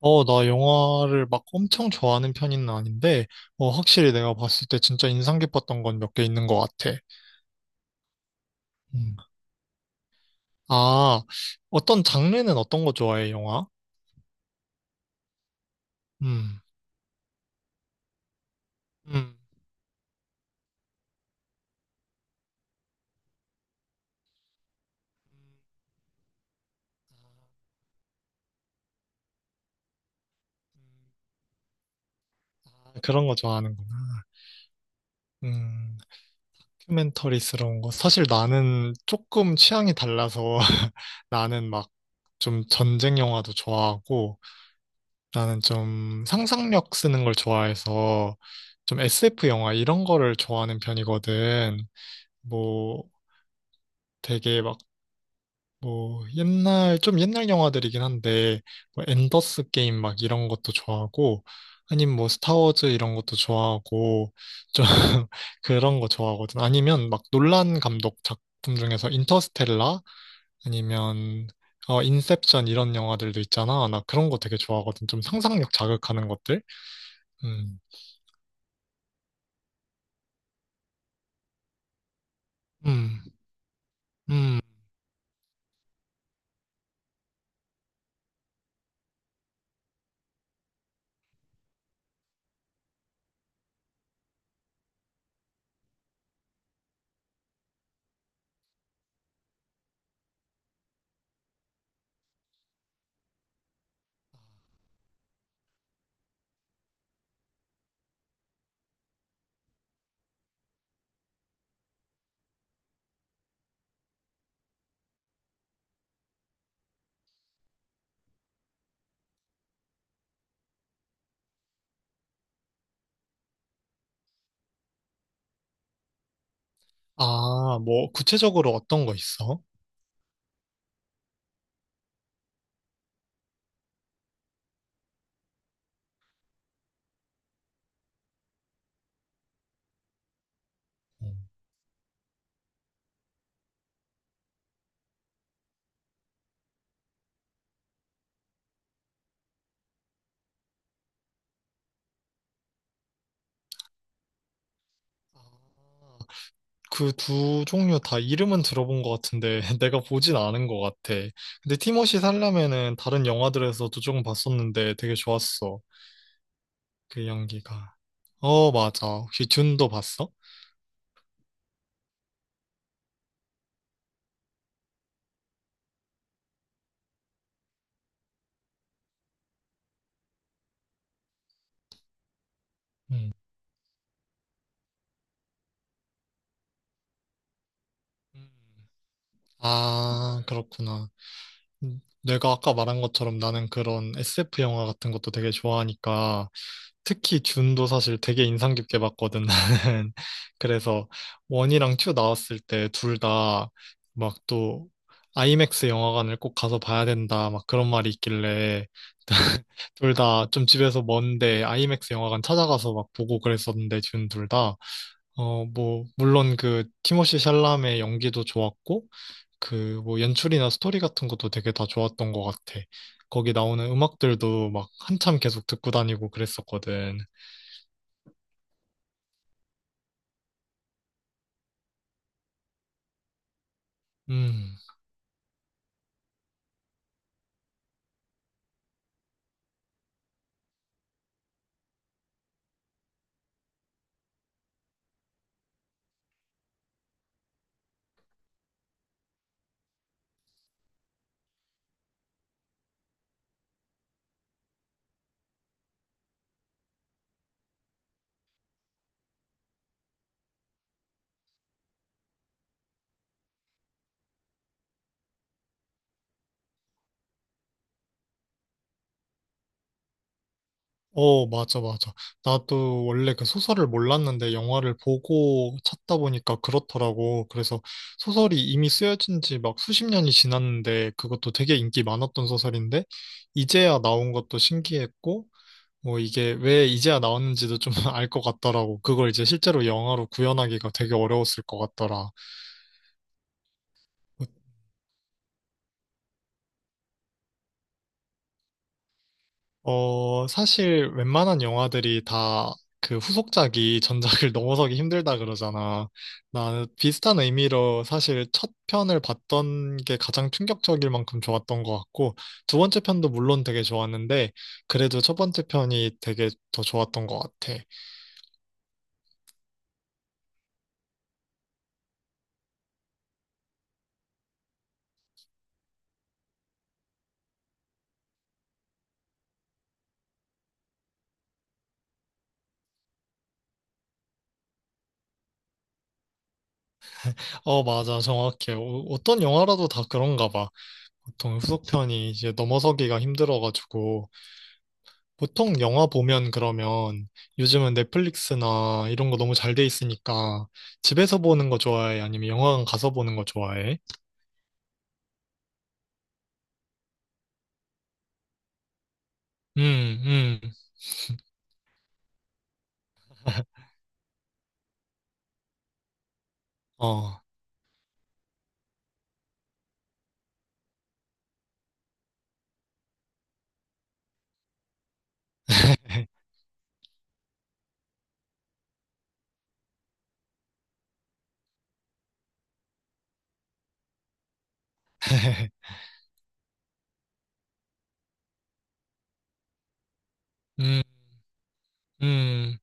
어, 나 영화를 막 엄청 좋아하는 편은 아닌데, 어, 확실히 내가 봤을 때 진짜 인상 깊었던 건 몇 개 있는 것 같아. 음. 아, 어떤 장르는 어떤 거 좋아해, 영화? 음, 음, 아, 그런 거 좋아하는구나. 음, 다큐멘터리스러운 거. 사실 나는 조금 취향이 달라서 나는 막 좀 전쟁 영화도 좋아하고, 나는 좀 상상력 쓰는 걸 좋아해서 좀 SF 영화 이런 거를 좋아하는 편이거든. 뭐 되게 막 뭐 옛날 좀 옛날 영화들이긴 한데 뭐 엔더스 게임 막 이런 것도 좋아하고 아니면 뭐 스타워즈 이런 것도 좋아하고 좀 그런 거 좋아하거든. 아니면 막 놀란 감독 작품 중에서 인터스텔라 아니면 어 인셉션 이런 영화들도 있잖아. 나 그런 거 되게 좋아하거든. 좀 상상력 자극하는 것들. 음. 음, 음. 아, 뭐, 구체적으로 어떤 거 있어? 음. 아, 그 두 종류 다 이름은 들어본 것 같은데, 내가 보진 않은 것 같아. 근데 티머시 살라멘은 다른 영화들에서도 조금 봤었는데 되게 좋았어. 그 연기가. 어, 맞아. 혹시 듄도 봤어? 음. 음. 아, 그렇구나. 내가 아까 말한 것처럼 나는 그런 SF 영화 같은 것도 되게 좋아하니까 특히 준도 사실 되게 인상 깊게 봤거든 나는. 그래서 원이랑 투 나왔을 때 둘 다 막 또 아이맥스 영화관을 꼭 가서 봐야 된다 막 그런 말이 있길래 둘 다 좀 집에서 먼데 아이맥스 영화관 찾아가서 막 보고 그랬었는데 준 둘 다 어 뭐 물론 그 티모시 샬라메 연기도 좋았고 그 뭐 연출이나 스토리 같은 것도 되게 다 좋았던 것 같아. 거기 나오는 음악들도 막 한참 계속 듣고 다니고 그랬었거든. 음, 어, 맞아, 맞아. 나도 원래 그 소설을 몰랐는데 영화를 보고 찾다 보니까 그렇더라고. 그래서 소설이 이미 쓰여진 지 막 수십 년이 지났는데 그것도 되게 인기 많았던 소설인데 이제야 나온 것도 신기했고 뭐 이게 왜 이제야 나왔는지도 좀 알 것 같더라고. 그걸 이제 실제로 영화로 구현하기가 되게 어려웠을 것 같더라. 뭐 어, 사실 웬만한 영화들이 다 그 후속작이 전작을 넘어서기 힘들다 그러잖아. 나 비슷한 의미로 사실 첫 편을 봤던 게 가장 충격적일 만큼 좋았던 것 같고, 두 번째 편도 물론 되게 좋았는데, 그래도 첫 번째 편이 되게 더 좋았던 것 같아. 어, 맞아. 정확해. 어, 어떤 영화라도 다 그런가 봐. 보통 후속편이 이제 넘어서기가 힘들어가지고. 보통 영화 보면 그러면 요즘은 넷플릭스나 이런 거 너무 잘 돼 있으니까 집에서 보는 거 좋아해? 아니면 영화관 가서 보는 거 좋아해? 음, 음, 어. 음, 음.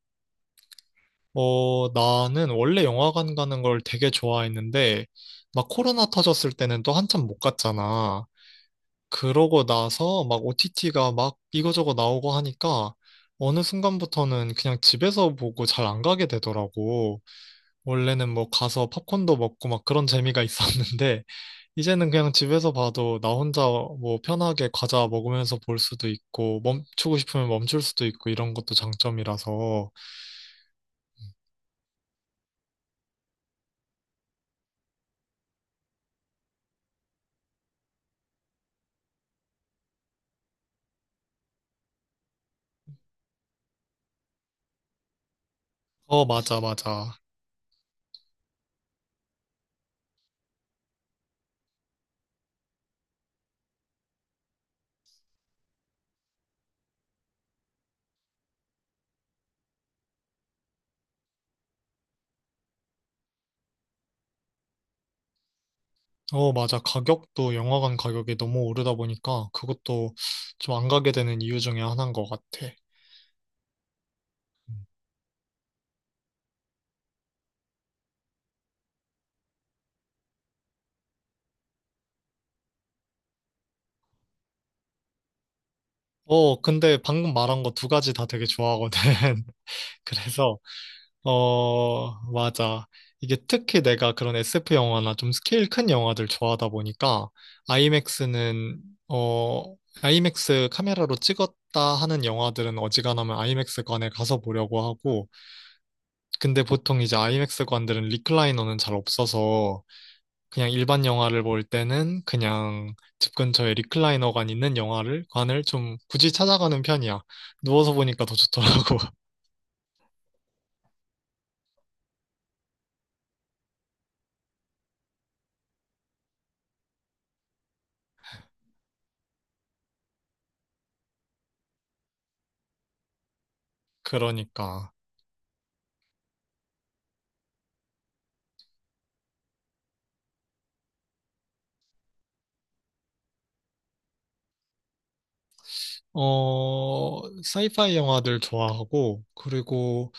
어, 나는 원래 영화관 가는 걸 되게 좋아했는데, 막 코로나 터졌을 때는 또 한참 못 갔잖아. 그러고 나서 막 OTT가 막 이거저거 나오고 하니까 어느 순간부터는 그냥 집에서 보고 잘 안 가게 되더라고. 원래는 뭐 가서 팝콘도 먹고 막 그런 재미가 있었는데, 이제는 그냥 집에서 봐도 나 혼자 뭐 편하게 과자 먹으면서 볼 수도 있고, 멈추고 싶으면 멈출 수도 있고, 이런 것도 장점이라서. 어, 맞아, 맞아. 어, 맞아. 가격도 영화관 가격이 너무 오르다 보니까 그것도 좀 안 가게 되는 이유 중에 하나인 것 같아. 어, 근데 방금 말한 거 두 가지 다 되게 좋아하거든. 그래서 어, 맞아. 이게 특히 내가 그런 SF 영화나 좀 스케일 큰 영화들 좋아하다 보니까 아이맥스는 어, 아이맥스 카메라로 찍었다 하는 영화들은 어지간하면 아이맥스관에 가서 보려고 하고 근데 보통 이제 아이맥스관들은 리클라이너는 잘 없어서 그냥 일반 영화를 볼 때는 그냥 집 근처에 리클라이너관 있는 영화를 관을 좀 굳이 찾아가는 편이야. 누워서 보니까 더 좋더라고. 그러니까. 어, 사이파이 영화들 좋아하고, 그리고,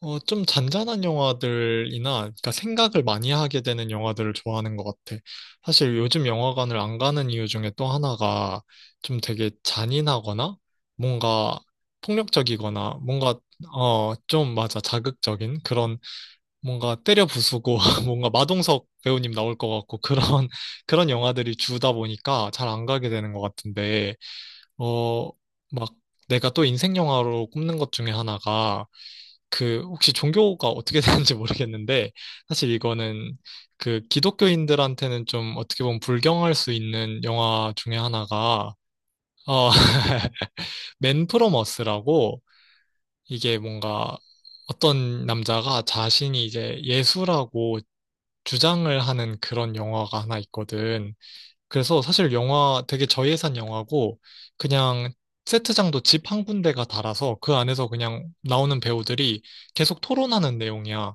어, 좀 잔잔한 영화들이나, 그러니까 생각을 많이 하게 되는 영화들을 좋아하는 것 같아. 사실 요즘 영화관을 안 가는 이유 중에 또 하나가 좀 되게 잔인하거나, 뭔가 폭력적이거나, 뭔가, 어, 좀 맞아, 자극적인 그런, 뭔가 때려 부수고, 뭔가 마동석 배우님 나올 것 같고, 그런, 그런 영화들이 주다 보니까 잘 안 가게 되는 것 같은데, 어, 막 내가 또 인생 영화로 꼽는 것 중에 하나가 그 혹시 종교가 어떻게 되는지 모르겠는데 사실 이거는 그 기독교인들한테는 좀 어떻게 보면 불경할 수 있는 영화 중에 하나가 어, 맨 프로머스라고 이게 뭔가 어떤 남자가 자신이 이제 예수라고 주장을 하는 그런 영화가 하나 있거든. 그래서 사실 영화 되게 저예산 영화고 그냥 세트장도 집 한 군데가 달아서 그 안에서 그냥 나오는 배우들이 계속 토론하는 내용이야.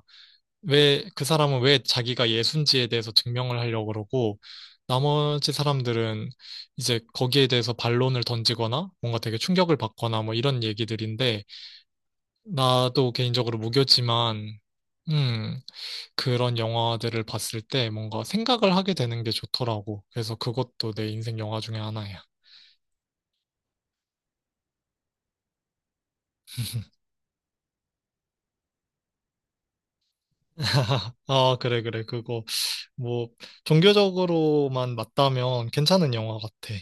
왜 그 사람은 왜 자기가 예순지에 대해서 증명을 하려고 그러고 나머지 사람들은 이제 거기에 대해서 반론을 던지거나 뭔가 되게 충격을 받거나 뭐 이런 얘기들인데 나도 개인적으로 무교지만 음 그런 영화들을 봤을 때 뭔가 생각을 하게 되는 게 좋더라고. 그래서 그것도 내 인생 영화 중에 하나야. 아, 그래, 그래. 그거 뭐 종교적으로만 맞다면 괜찮은 영화 같아.